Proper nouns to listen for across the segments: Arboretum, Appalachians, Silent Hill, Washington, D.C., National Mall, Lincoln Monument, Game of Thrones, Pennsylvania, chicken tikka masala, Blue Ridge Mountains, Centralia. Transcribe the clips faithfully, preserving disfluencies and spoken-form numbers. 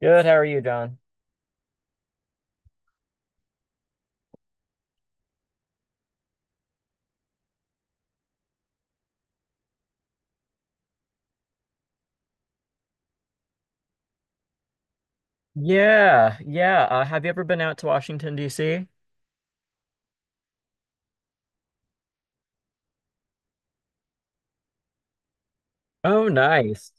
Good. How are you, John? Yeah, yeah. Uh, have you ever been out to Washington, D C? Oh, nice.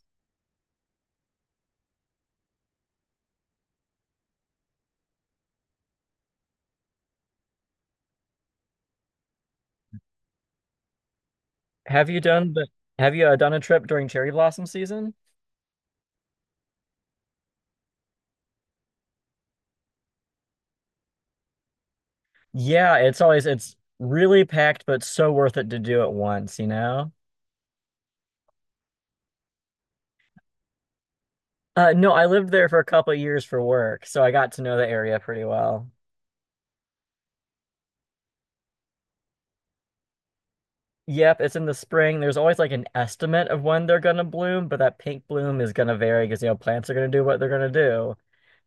Have you done the, have you uh, done a trip during cherry blossom season? Yeah, it's always it's really packed, but so worth it to do it once, you know? Uh, no, I lived there for a couple of years for work, so I got to know the area pretty well. Yep, it's in the spring. There's always like an estimate of when they're gonna bloom, but that pink bloom is gonna vary because you know plants are gonna do what they're gonna do.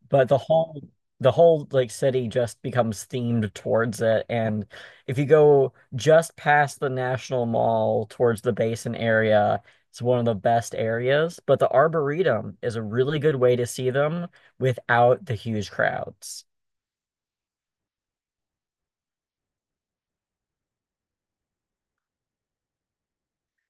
But the whole the whole like city just becomes themed towards it, and if you go just past the National Mall towards the Basin area, it's one of the best areas, but the Arboretum is a really good way to see them without the huge crowds.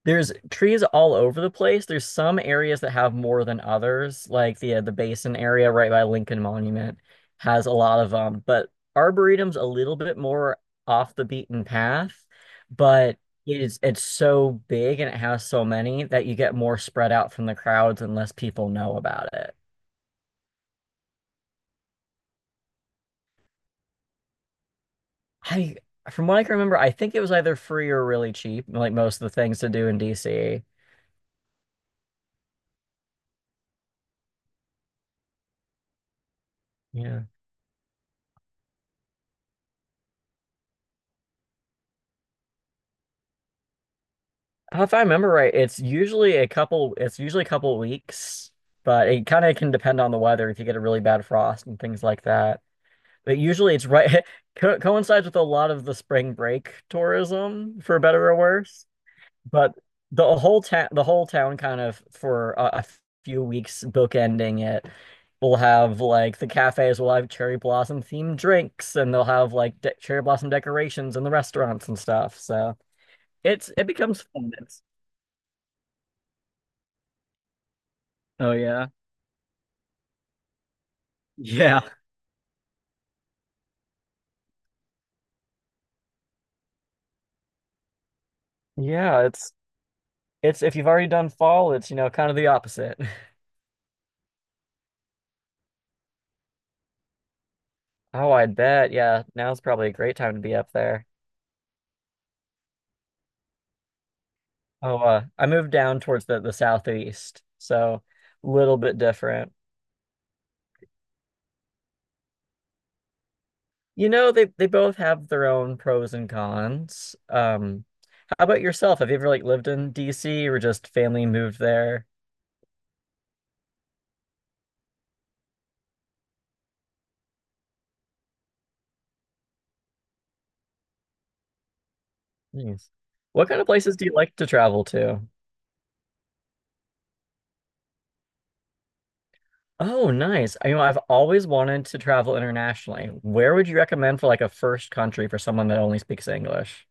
There's trees all over the place. There's some areas that have more than others, like the uh, the basin area right by Lincoln Monument has a lot of them, but Arboretum's a little bit more off the beaten path, but it is it's so big and it has so many that you get more spread out from the crowds and less people know about it. I From what I can remember, I think it was either free or really cheap, like most of the things to do in D C. Yeah. Uh, If I remember right, it's usually a couple, it's usually a couple weeks, but it kind of can depend on the weather if you get a really bad frost and things like that. But usually it's right, co coincides with a lot of the spring break tourism, for better or worse. But the whole town, the whole town kind of for a, a few weeks bookending it will have like the cafes will have cherry blossom themed drinks, and they'll have like de cherry blossom decorations in the restaurants and stuff. So it's, it becomes fun. It's, Oh yeah. Yeah. Yeah, it's it's if you've already done fall, it's you know kind of the opposite. Oh, I bet. Yeah, now's probably a great time to be up there. Oh, uh, I moved down towards the the southeast, so a little bit different. You know, they they both have their own pros and cons. Um, how about yourself? Have you ever like lived in D C or just family moved there? Nice. What kind of places do you like to travel to? Oh, nice. I, you know, I've always wanted to travel internationally. Where would you recommend for like a first country for someone that only speaks English?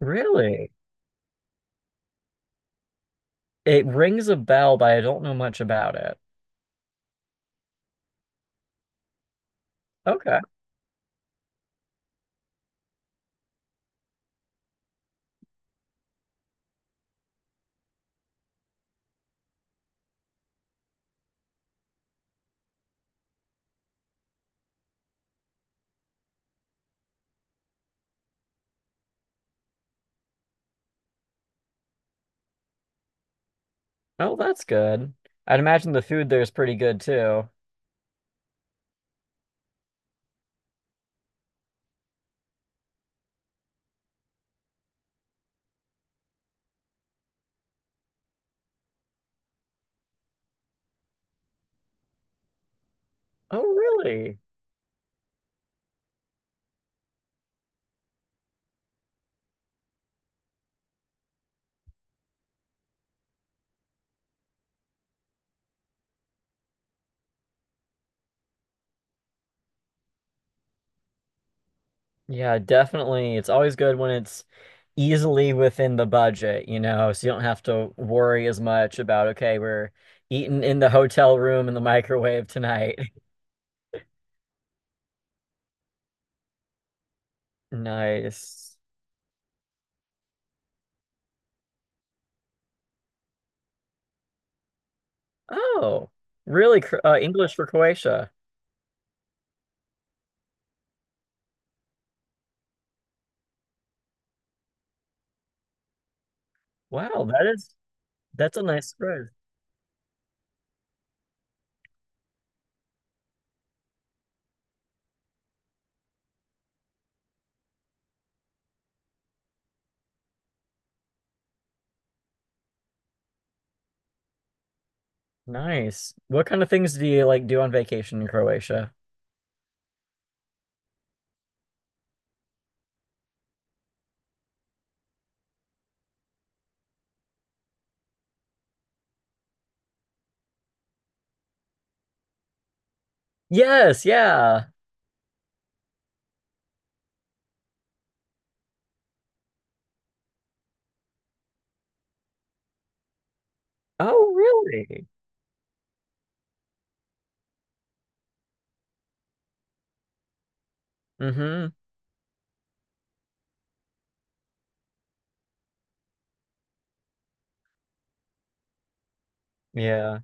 Really? It rings a bell, but I don't know much about it. Okay. Oh, that's good. I'd imagine the food there is pretty good too. Oh, really? Yeah, definitely. It's always good when it's easily within the budget, you know, so you don't have to worry as much about, okay, we're eating in the hotel room in the microwave tonight. Nice. Oh, really? Cro- Uh, English for Croatia. Wow, that is that's a nice spread. Nice. What kind of things do you like do on vacation in Croatia? Yes, yeah. Oh, really? Mm-hmm. Yeah.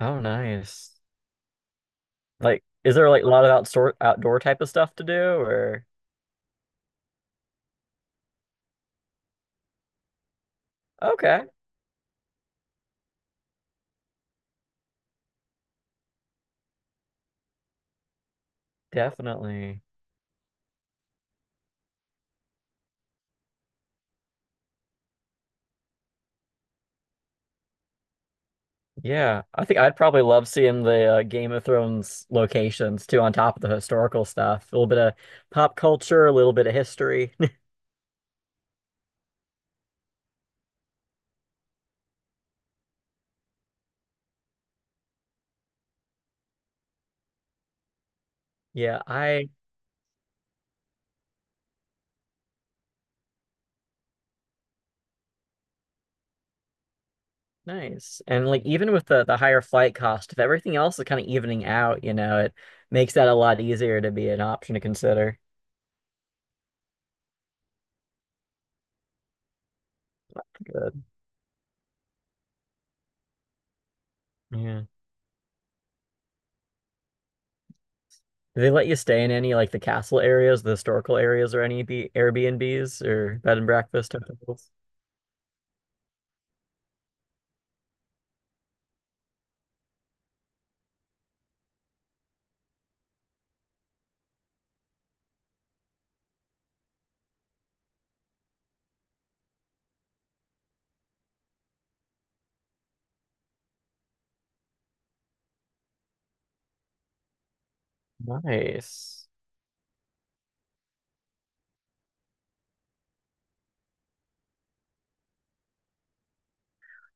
Oh, nice. Like, is there like a lot of outdoor outdoor type of stuff to do or? Okay, definitely. Yeah, I think I'd probably love seeing the uh, Game of Thrones locations too, on top of the historical stuff. A little bit of pop culture, a little bit of history. Yeah, I Nice. And like even with the the higher flight cost, if everything else is kind of evening out, you know, it makes that a lot easier to be an option to consider. Good. Yeah. Do they let you stay in any like the castle areas, the historical areas, or any B Airbnbs or bed and breakfast type of things? Nice.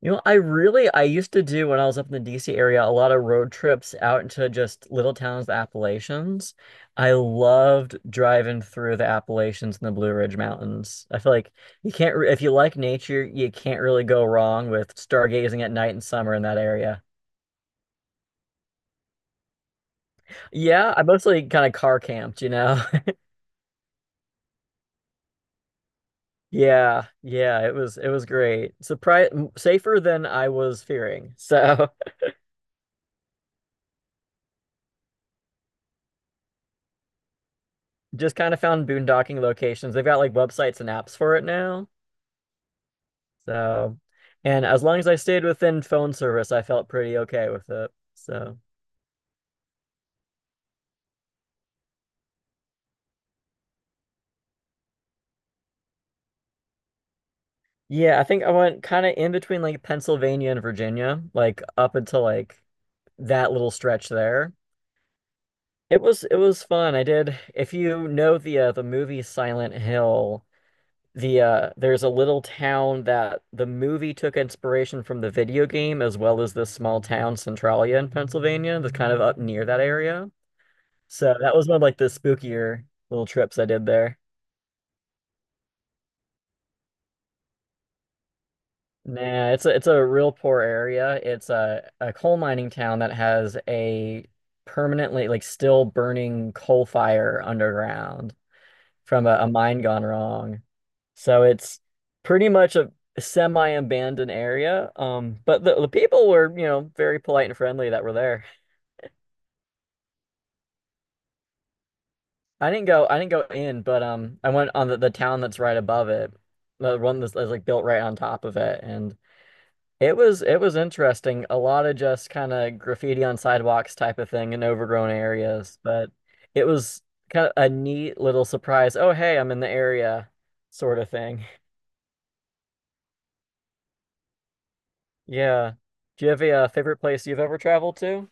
You know, I really I used to do when I was up in the D C area a lot of road trips out into just little towns, the Appalachians. I loved driving through the Appalachians and the Blue Ridge Mountains. I feel like you can't re if you like nature, you can't really go wrong with stargazing at night in summer in that area. Yeah, I mostly kind of car camped, you know. Yeah, yeah, it was it was great. Surprise safer than I was fearing. So, just kind of found boondocking locations. They've got like websites and apps for it now. So, and as long as I stayed within phone service, I felt pretty okay with it. So, yeah, I think I went kind of in between like Pennsylvania and Virginia, like up until like that little stretch there. It was it was fun. I did. If you know the uh, the movie Silent Hill, the uh, there's a little town that the movie took inspiration from the video game, as well as this small town Centralia in Pennsylvania that's kind of up near that area. So that was one of like the spookier little trips I did there. Nah, it's a it's a real poor area. It's a a coal mining town that has a permanently like still burning coal fire underground from a, a mine gone wrong. So it's pretty much a semi-abandoned area. Um, but the, the people were, you know, very polite and friendly that were there. I didn't go I didn't go in, but um I went on the, the town that's right above it. The one that's, that's like built right on top of it and It was it was interesting. A lot of just kind of graffiti on sidewalks type of thing in overgrown areas, but it was kind of a neat little surprise. Oh, hey, I'm in the area sort of thing. Yeah. Do you have a uh, favorite place you've ever traveled to?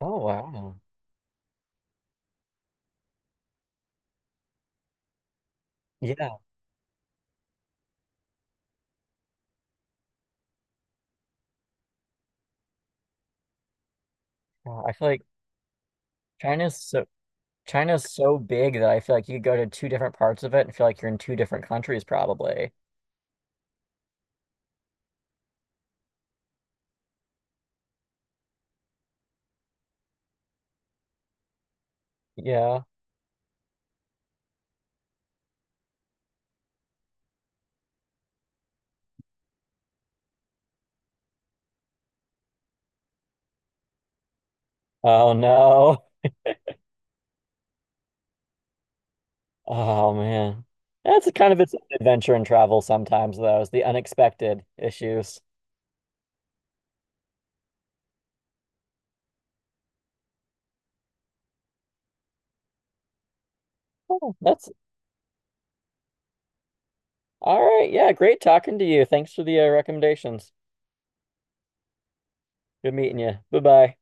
Oh, wow. Yeah. Wow. I feel like China's so China's so big that I feel like you could go to two different parts of it and feel like you're in two different countries probably. Yeah. Oh no. Oh man. That's kind of its own adventure and travel sometimes though, is the unexpected issues. Oh, that's all right. Yeah, great talking to you. Thanks for the uh, recommendations. Good meeting you. Bye-bye.